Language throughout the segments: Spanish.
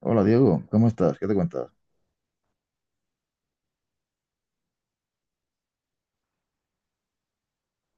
Hola Diego, ¿cómo estás? ¿Qué te cuentas?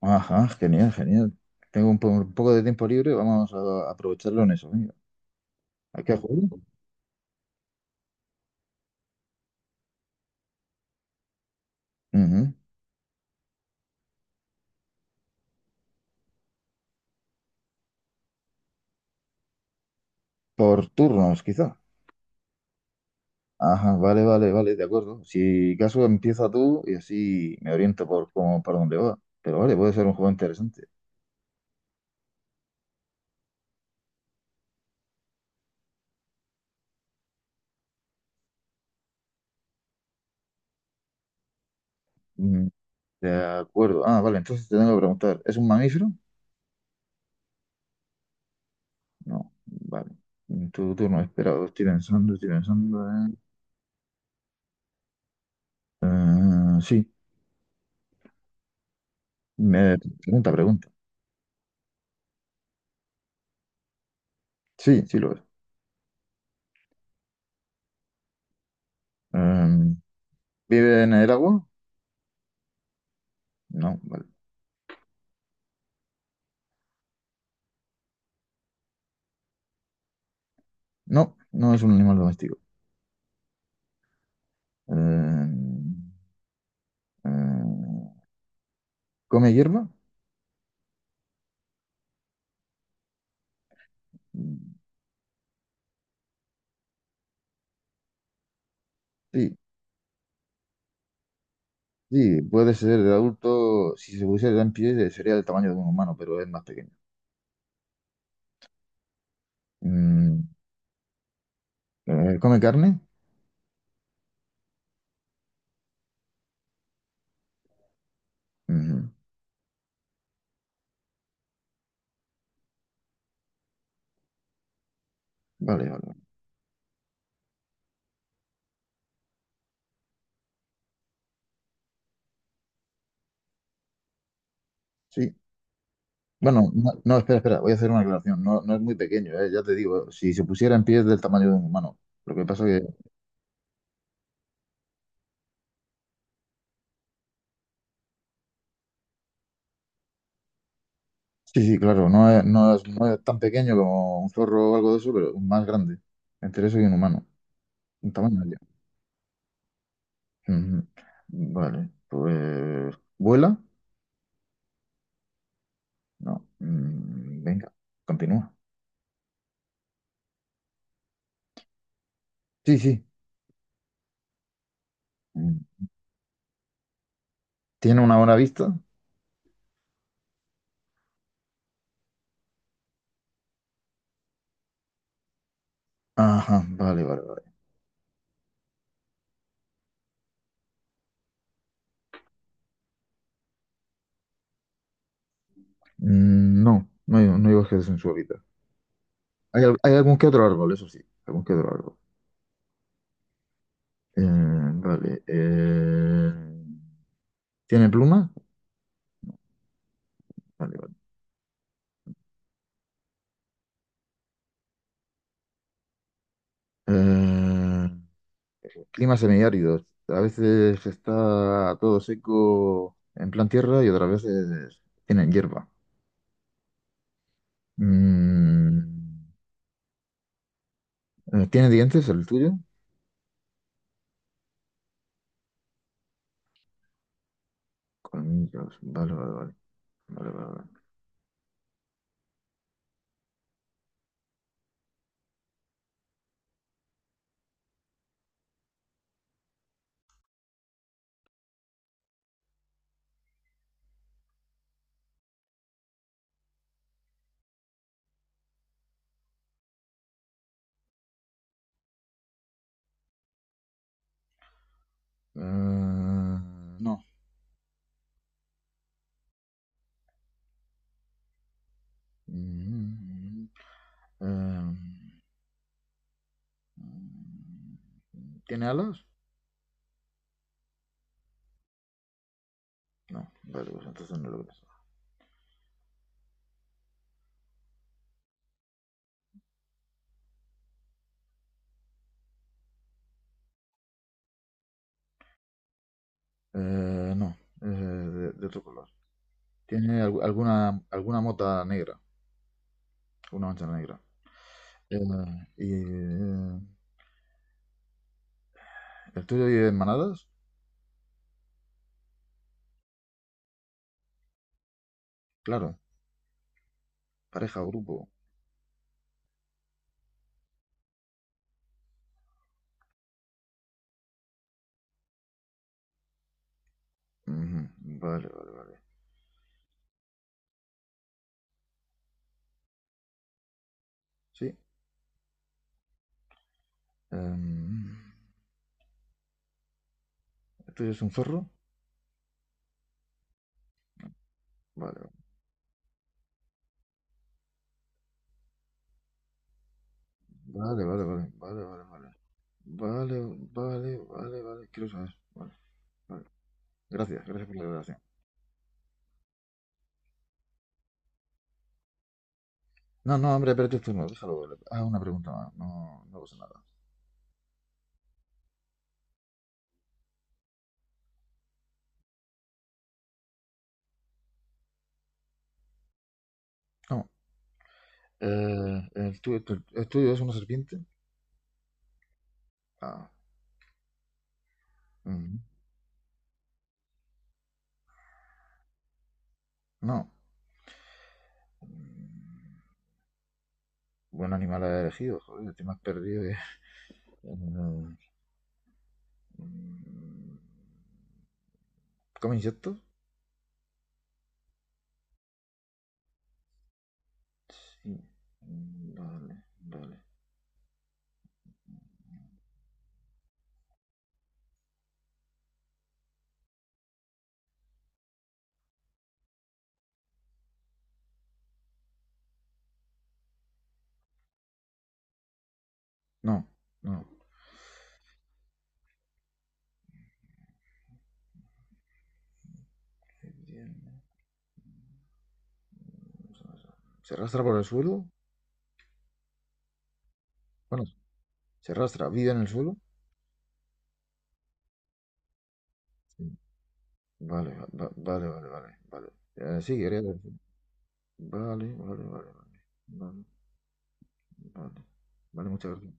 Ajá, genial, genial. Tengo un poco de tiempo libre, vamos a aprovecharlo en eso. Venga. ¿Hay que jugar? Ujú. Por turnos, quizá. Ajá, vale, vale, vale, de acuerdo. Si caso empieza tú y así me oriento por cómo, para dónde va. Pero vale, puede ser un juego interesante. Mm, De acuerdo. Ah, vale, entonces te tengo que preguntar, ¿es un mamífero? No, vale. Tu turno, espera, estoy pensando, estoy pensando. Sí, me pregunta. Sí, sí lo es. Em, ¿Vive en el agua? No, vale. No, no es un animal doméstico. Em, em, ¿Come hierba? Mm. Sí, sí, puede ser de adulto. Si se pusiera en pie, sería del tamaño de un humano, pero es más pequeño. Mm, ¿Come carne? Ujú. Vale, vale, vale. Sí. Bueno, no, no, espera, espera, voy a hacer una aclaración. No, no es muy pequeño, ya te digo, si se pusiera en pie es del tamaño de un humano. Lo que pasa, sí, sí, claro, no es tan pequeño como un zorro o algo de eso, pero más grande, entre eso y un humano, un tamaño medio. Ujú. Vale, pues ¿vuela? No. Mm, venga, continúa. Sí, sí. Mm. ¿Tiene una buena vista? Ajá, vale, vale, vale. Mm, no, no hay bosques en su hábitat. Hay algún que otro árbol, eso sí, algún que otro árbol. Eh, vale. eh, ¿Tiene plumas? Vale, vale. Eh, clima semiárido. A veces está todo seco en plan tierra y otras veces tienen hierba. Mm, ¿Tiene dientes el tuyo? Colmillos. Vale, vale, vale. Vale, vale, vale. No. Mm, eh, ¿Tiene alas? No. Vale, pues entonces no lo ves. No. De otro color. ¿Alguna, alguna mota negra? Una mancha negra. Eh, y, eh, ¿El tuyo vive en manadas? Claro. Pareja, grupo. Ujú. Vale, vale, vale. Sí. Em, ¿El tuyo es un zorro? Vale, vale, vale, vale, vale, vale, vale. Vale, vale, vale, vale. Quiero saber. Vale, vale. Gracias, gracias por la relación. No, no, hombre, espérate tú, no, déjalo. Ah, una pregunta más. No, no pasa nada. No. ¿El tuyo es una serpiente? Ah, ujú. No. Mm, buen animal has elegido, joder, te me has perdido. Eh, mm, ¿come insectos? Sí. Vale, vale. No, no. ¿Se arrastra por el suelo? Bueno, se arrastra. ¿Vive en el suelo? Sí. Vale, va- vale, vale, vale, vale. Sí, quería decir vale, vale, vale, vale. Vale, vale. Vale, muchas gracias.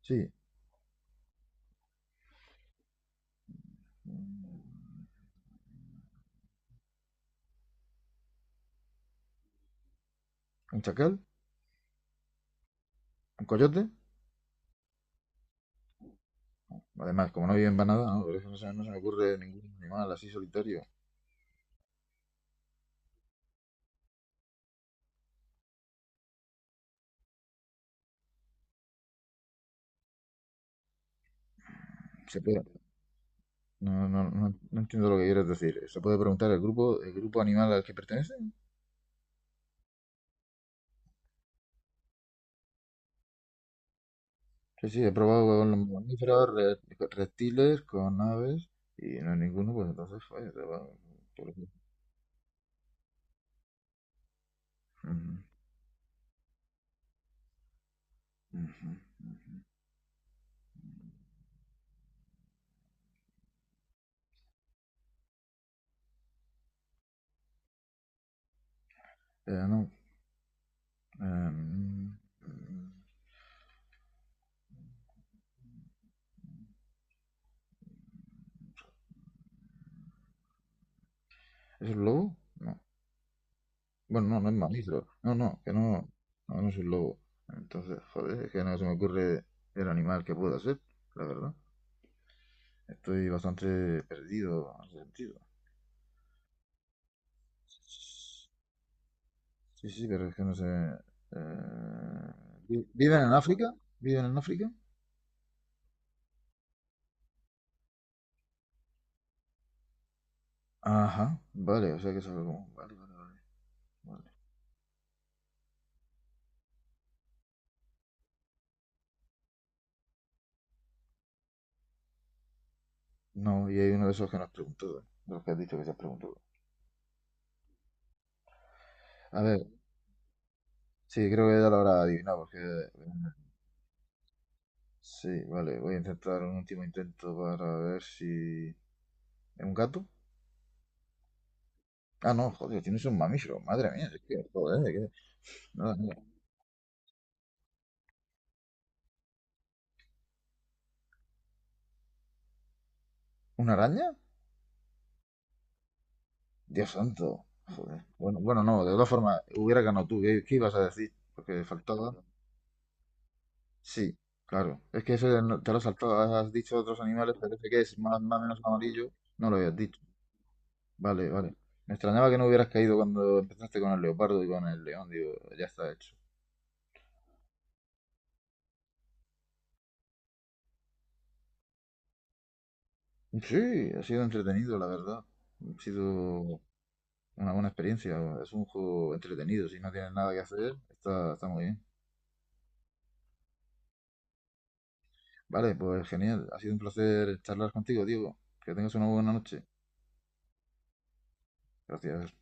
Sí. Mm, ¿un chacal? ¿Un coyote? Además, como no viven para nada, no, por eso no se me ocurre ningún animal así solitario. Se puede No, no, no, no entiendo lo que quieres decir. ¿Se puede preguntar el grupo animal al que pertenecen? Sí, sí, he probado con los mamíferos, con reptiles, con aves y no hay ninguno, pues entonces falla. Por eso. Ujú, ujú. No. em, mm, ¿es un lobo? No. Bueno, no, no es mamífero. No, no, que no. No, no es un lobo. Entonces, joder, es que no se me ocurre el animal que pueda ser, la verdad. Estoy bastante perdido en ese sentido. Sí, sí, pero es que no sé. eh, ¿Viven en África? ¿Viven en África? Ajá, vale, o sea que es algo como vale, vale, vale, vale. No, y hay uno de esos que nos preguntó, de los que has dicho que se has preguntado. A ver, sí, creo que ya lo habrá adivinado, porque sí, vale, voy a intentar un último intento para ver si ¿es un gato? Ah, no, joder, tienes un mamífero, madre mía, es que, joder, nada, nada. ¿Una araña? Dios santo, joder. Bueno, bueno, no, de todas formas, hubiera ganado tú, ¿qué ibas a decir? Porque faltaba sí, claro. Es que eso no- te lo has saltado, has dicho otros animales, pero ese que es más, más o menos amarillo, no lo habías dicho. Vale, vale. Me extrañaba que no hubieras caído cuando empezaste con el leopardo y con el león, digo, ya está hecho. Sí, ha sido entretenido, la verdad. Ha sido una buena experiencia. Es un juego entretenido. Si no tienes nada que hacer, está, está muy bien. Vale, pues genial. Ha sido un placer charlar contigo, Diego. Que tengas una buena noche. Gracias.